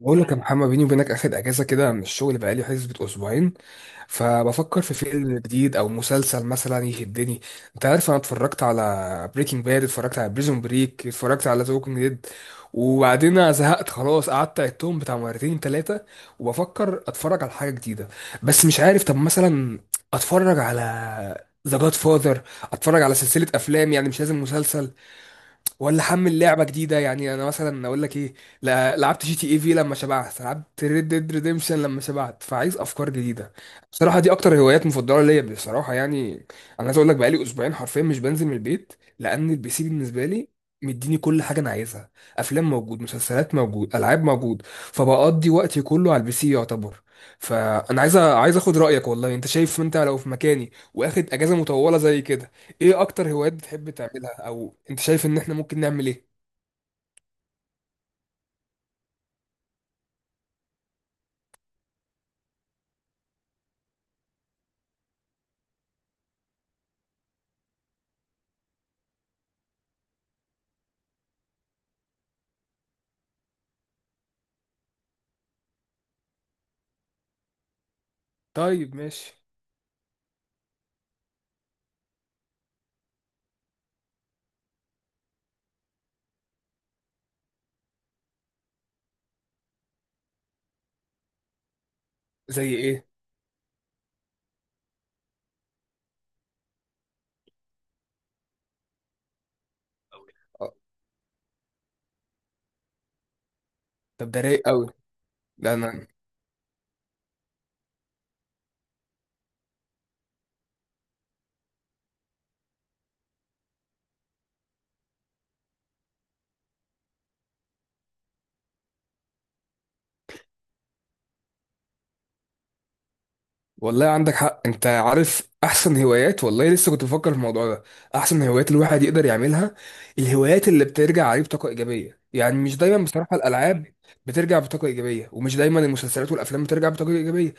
بقول لك يا محمد، بيني وبينك اخد اجازه كده من الشغل بقالي حسبة اسبوعين. فبفكر في فيلم جديد او مسلسل مثلا يشدني. انت عارف انا اتفرجت على بريكنج باد، اتفرجت على بريزون بريك، اتفرجت على ذا ووكينج ديد، وبعدين أنا زهقت خلاص، قعدت عدتهم بتاع مرتين ثلاثه. وبفكر اتفرج على حاجه جديده بس مش عارف. طب مثلا اتفرج على ذا جاد فاذر، اتفرج على سلسله افلام، يعني مش لازم مسلسل. ولا حمل لعبه جديده، يعني انا مثلا اقول لك ايه، لعبت جي تي اي في لما شبعت، لعبت ريد ديد ريديمشن لما شبعت، فعايز افكار جديده. بصراحه دي اكتر هوايات مفضله ليا بصراحه يعني. انا عايز اقول لك بقالي اسبوعين حرفيا مش بنزل من البيت، لان البي سي بالنسبه لي مديني كل حاجه انا عايزها. افلام موجود، مسلسلات موجود، العاب موجود، فبقضي وقتي كله على البي سي يعتبر. فانا عايز عايز اخد رايك، والله انت شايف انت لو في مكاني واخد اجازه مطوله زي كده ايه اكتر هوايات بتحب تعملها، او انت شايف ان احنا ممكن نعمل ايه؟ طيب ماشي. زي ايه؟ آه، طب ده رايق قوي. لا انا والله عندك حق. انت عارف احسن هوايات؟ والله لسه كنت بفكر في الموضوع ده. احسن هوايات الواحد يقدر يعملها الهوايات اللي بترجع عليه بطاقة ايجابية، يعني مش دايما بصراحة الالعاب بترجع بطاقة ايجابية، ومش دايما المسلسلات والافلام بترجع بطاقة ايجابية.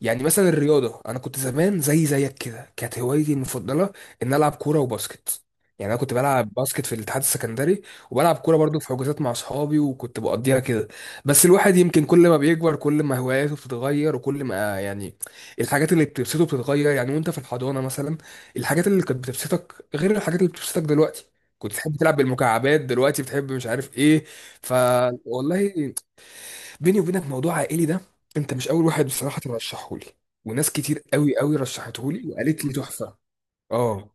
يعني مثلا الرياضة، أنا كنت زمان زي زيك كده، كانت هوايتي المفضلة إن ألعب كورة وباسكت. يعني أنا كنت بلعب باسكت في الاتحاد السكندري، وبلعب كورة برضو في حجوزات مع أصحابي، وكنت بقضيها كده. بس الواحد يمكن كل ما بيكبر كل ما هواياته بتتغير، وكل ما يعني الحاجات اللي بتبسطه بتتغير. يعني وأنت في الحضانة مثلا الحاجات اللي كانت بتبسطك غير الحاجات اللي بتبسطك دلوقتي. كنت تحب تلعب بالمكعبات، دلوقتي بتحب مش عارف إيه. فوالله بيني وبينك موضوع عائلي ده انت مش اول واحد بصراحه ترشحه لي، وناس كتير قوي قوي رشحته لي وقالت لي تحفه. اه.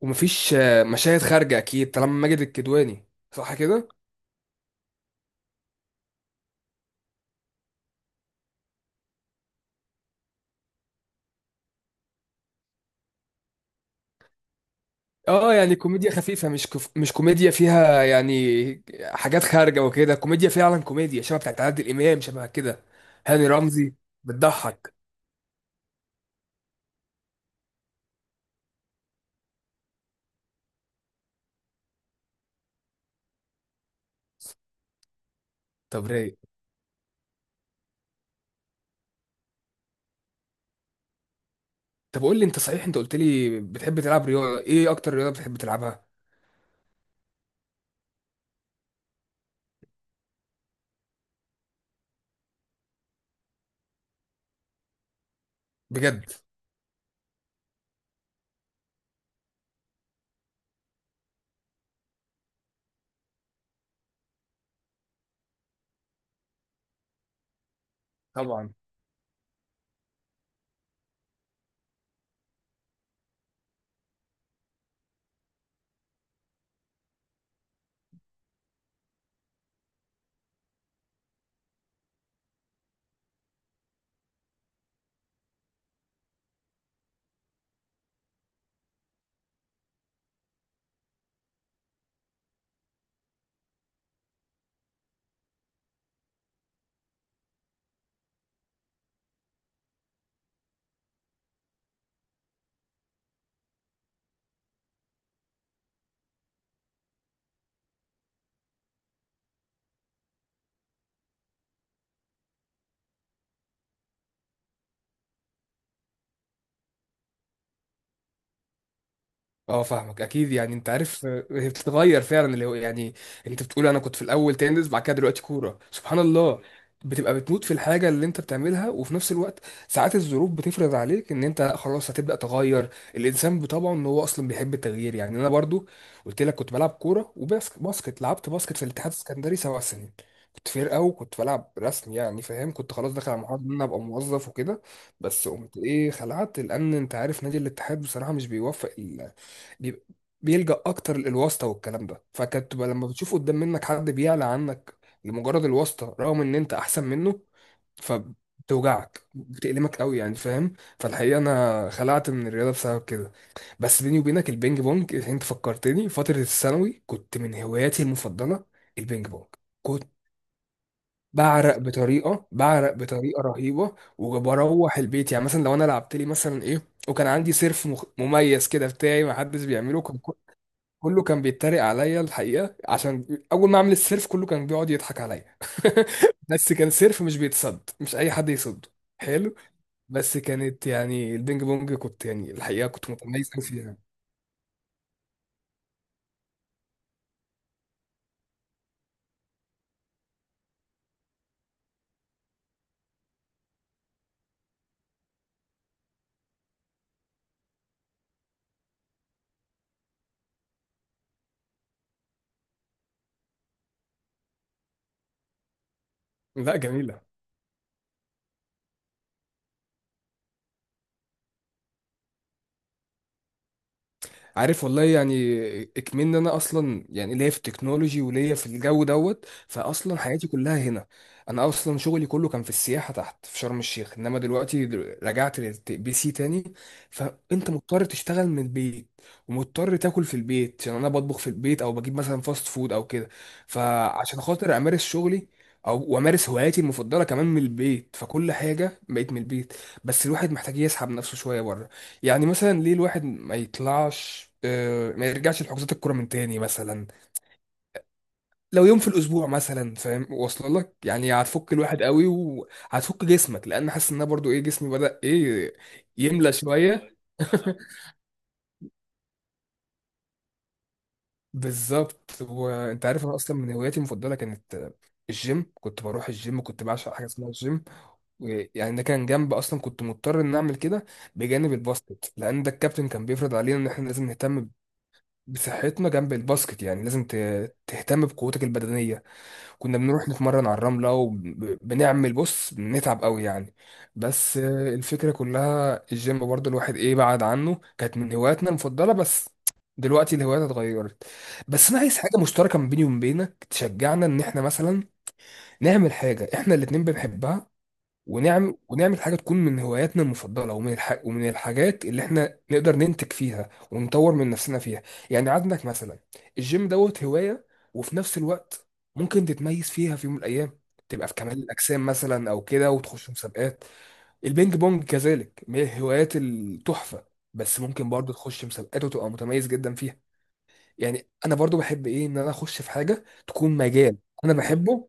ومفيش مشاهد خارجه اكيد طالما ماجد الكدواني؟ صح كده. اه يعني كوميديا خفيفه، مش مش كوميديا فيها يعني حاجات خارجه وكده، كوميديا فعلا، كوميديا شبه بتاعت عادل امام شبه كده، هاني رمزي، بتضحك. طب رايق. طب قول لي انت، صحيح انت قلت لي بتحب تلعب رياضه، ايه اكتر رياضه بتحب تلعبها؟ بجد؟ طبعا. اه فاهمك اكيد. يعني انت عارف هي بتتغير فعلا، اللي هو يعني انت بتقول انا كنت في الاول تنس، بعد كده دلوقتي كوره، سبحان الله. بتبقى بتموت في الحاجه اللي انت بتعملها، وفي نفس الوقت ساعات الظروف بتفرض عليك ان انت لا خلاص هتبدا تغير. الانسان طبعا ان هو اصلا بيحب التغيير. يعني انا برضو قلت لك كنت بلعب كوره وباسكت. باسكت لعبت باسكت في الاتحاد السكندري 7 سنين. كنت فرقه وكنت بلعب رسم، يعني فاهم، كنت خلاص داخل على مرحله ان انا ابقى موظف وكده. بس قمت ايه، خلعت. لان انت عارف نادي الاتحاد بصراحه مش بيوفق، بيبقى- بيلجأ اكتر للواسطة والكلام ده، فكانت تبقى لما بتشوف قدام منك حد بيعلى عنك لمجرد الواسطة رغم ان انت احسن منه، فبتوجعك بتألمك قوي يعني فاهم. فالحقيقة انا خلعت من الرياضة بسبب كده. بس بيني وبينك البينج بونج انت فكرتني، فترة الثانوي كنت من هواياتي المفضلة البينج بونج. كنت بعرق بطريقة، بعرق بطريقة رهيبة، وبروح البيت. يعني مثلا لو انا لعبت لي مثلا ايه، وكان عندي سيرف مميز كده بتاعي ما حدش بيعمله، كله كان بيتريق عليا الحقيقه، عشان اول ما اعمل السيرف كله كان بيقعد يضحك عليا. بس كان سيرف مش بيتصد، مش اي حد يصده. حلو. بس كانت يعني البينج بونج كنت يعني الحقيقه كنت متميز قوي فيها. لا جميله. عارف والله يعني اكمن إن انا اصلا يعني ليا في التكنولوجي وليا في الجو دوت، فاصلا حياتي كلها هنا. انا اصلا شغلي كله كان في السياحه تحت في شرم الشيخ، انما دلوقتي رجعت للبي سي تاني. فانت مضطر تشتغل من البيت، ومضطر تاكل في البيت، عشان انا بطبخ في البيت او بجيب مثلا فاست فود او كده. فعشان خاطر امارس شغلي او وامارس هواياتي المفضله كمان من البيت، فكل حاجه بقيت من البيت. بس الواحد محتاج يسحب نفسه شويه بره. يعني مثلا ليه الواحد ما يطلعش، ما يرجعش لحجوزات الكوره من تاني مثلا، لو يوم في الاسبوع مثلا، فاهم واصله لك يعني، هتفك الواحد قوي وهتفك جسمك، لان حاسس ان أنا برضو ايه جسمي بدأ ايه، يملى شويه. بالظبط. وانت عارف انا اصلا من هواياتي المفضله كانت الجيم. كنت بروح الجيم، كنت بعشق حاجه اسمها الجيم. يعني ده كان جنب، اصلا كنت مضطر ان اعمل كده بجانب الباسكت، لان ده الكابتن كان بيفرض علينا ان احنا لازم نهتم بصحتنا جنب الباسكت. يعني لازم تهتم بقوتك البدنية. كنا بنروح نتمرن على الرملة وبنعمل بص بنتعب قوي يعني. بس الفكرة كلها الجيم برضه الواحد ايه بعد عنه، كانت من هواياتنا المفضلة بس. دلوقتي الهوايات اتغيرت. بس انا عايز حاجة مشتركة ما بيني وما بينك تشجعنا ان احنا مثلا نعمل حاجة احنا الاتنين بنحبها، ونعمل ونعمل حاجة تكون من هواياتنا المفضلة ومن ومن الحاجات اللي احنا نقدر ننتج فيها ونطور من نفسنا فيها. يعني عندك مثلا الجيم دوت هواية، وفي نفس الوقت ممكن تتميز فيها في يوم من الأيام، تبقى في كمال الأجسام مثلا أو كده وتخش مسابقات. البينج بونج كذلك من الهوايات التحفة، بس ممكن برضه تخش مسابقات وتبقى متميز جدا فيها. يعني أنا برضه بحب إيه إن أنا أخش في حاجة تكون مجال أنا بحبه،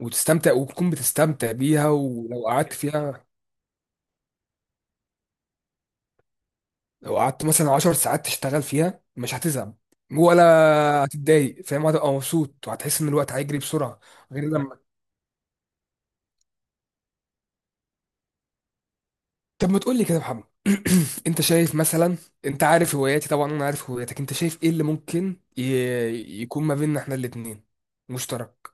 وتستمتع وتكون بتستمتع بيها ولو قعدت فيها. لو قعدت مثلا 10 ساعات تشتغل فيها مش هتزهق ولا هتتضايق، فاهم، هتبقى مبسوط وهتحس ان الوقت هيجري بسرعه. غير لما طب ما تقول لي كده يا محمد. انت شايف مثلا، انت عارف هواياتي طبعا، انا عارف هواياتك، انت شايف ايه اللي ممكن يكون ما بيننا احنا الاتنين مشترك؟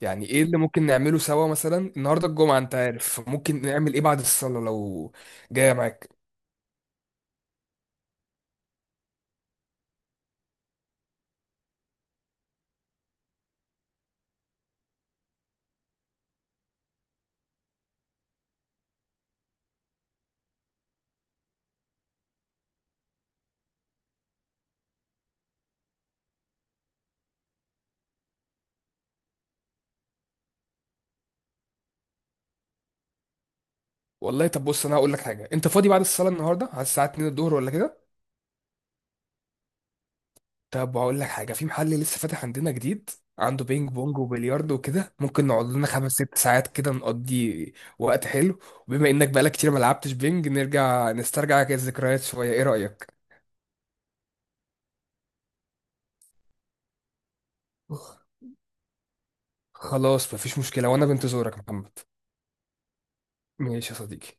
يعني ايه اللي ممكن نعمله سوا مثلا النهارده الجمعه، انت عارف ممكن نعمل ايه بعد الصلاه لو جايه معاك؟ والله طب بص انا هقول لك حاجه. انت فاضي بعد الصلاه النهارده على الساعه 2 الظهر ولا كده؟ طب هقول لك حاجة، في محل لسه فاتح عندنا جديد، عنده بينج بونج وبلياردو وكده، ممكن نقعد لنا 5 6 ساعات كده نقضي وقت حلو. وبما انك بقالك كتير ما لعبتش بينج، نرجع نسترجع كده الذكريات شوية، ايه رأيك؟ خلاص مفيش مشكلة، وانا بنتظرك يا محمد. ماشي يا صديقي.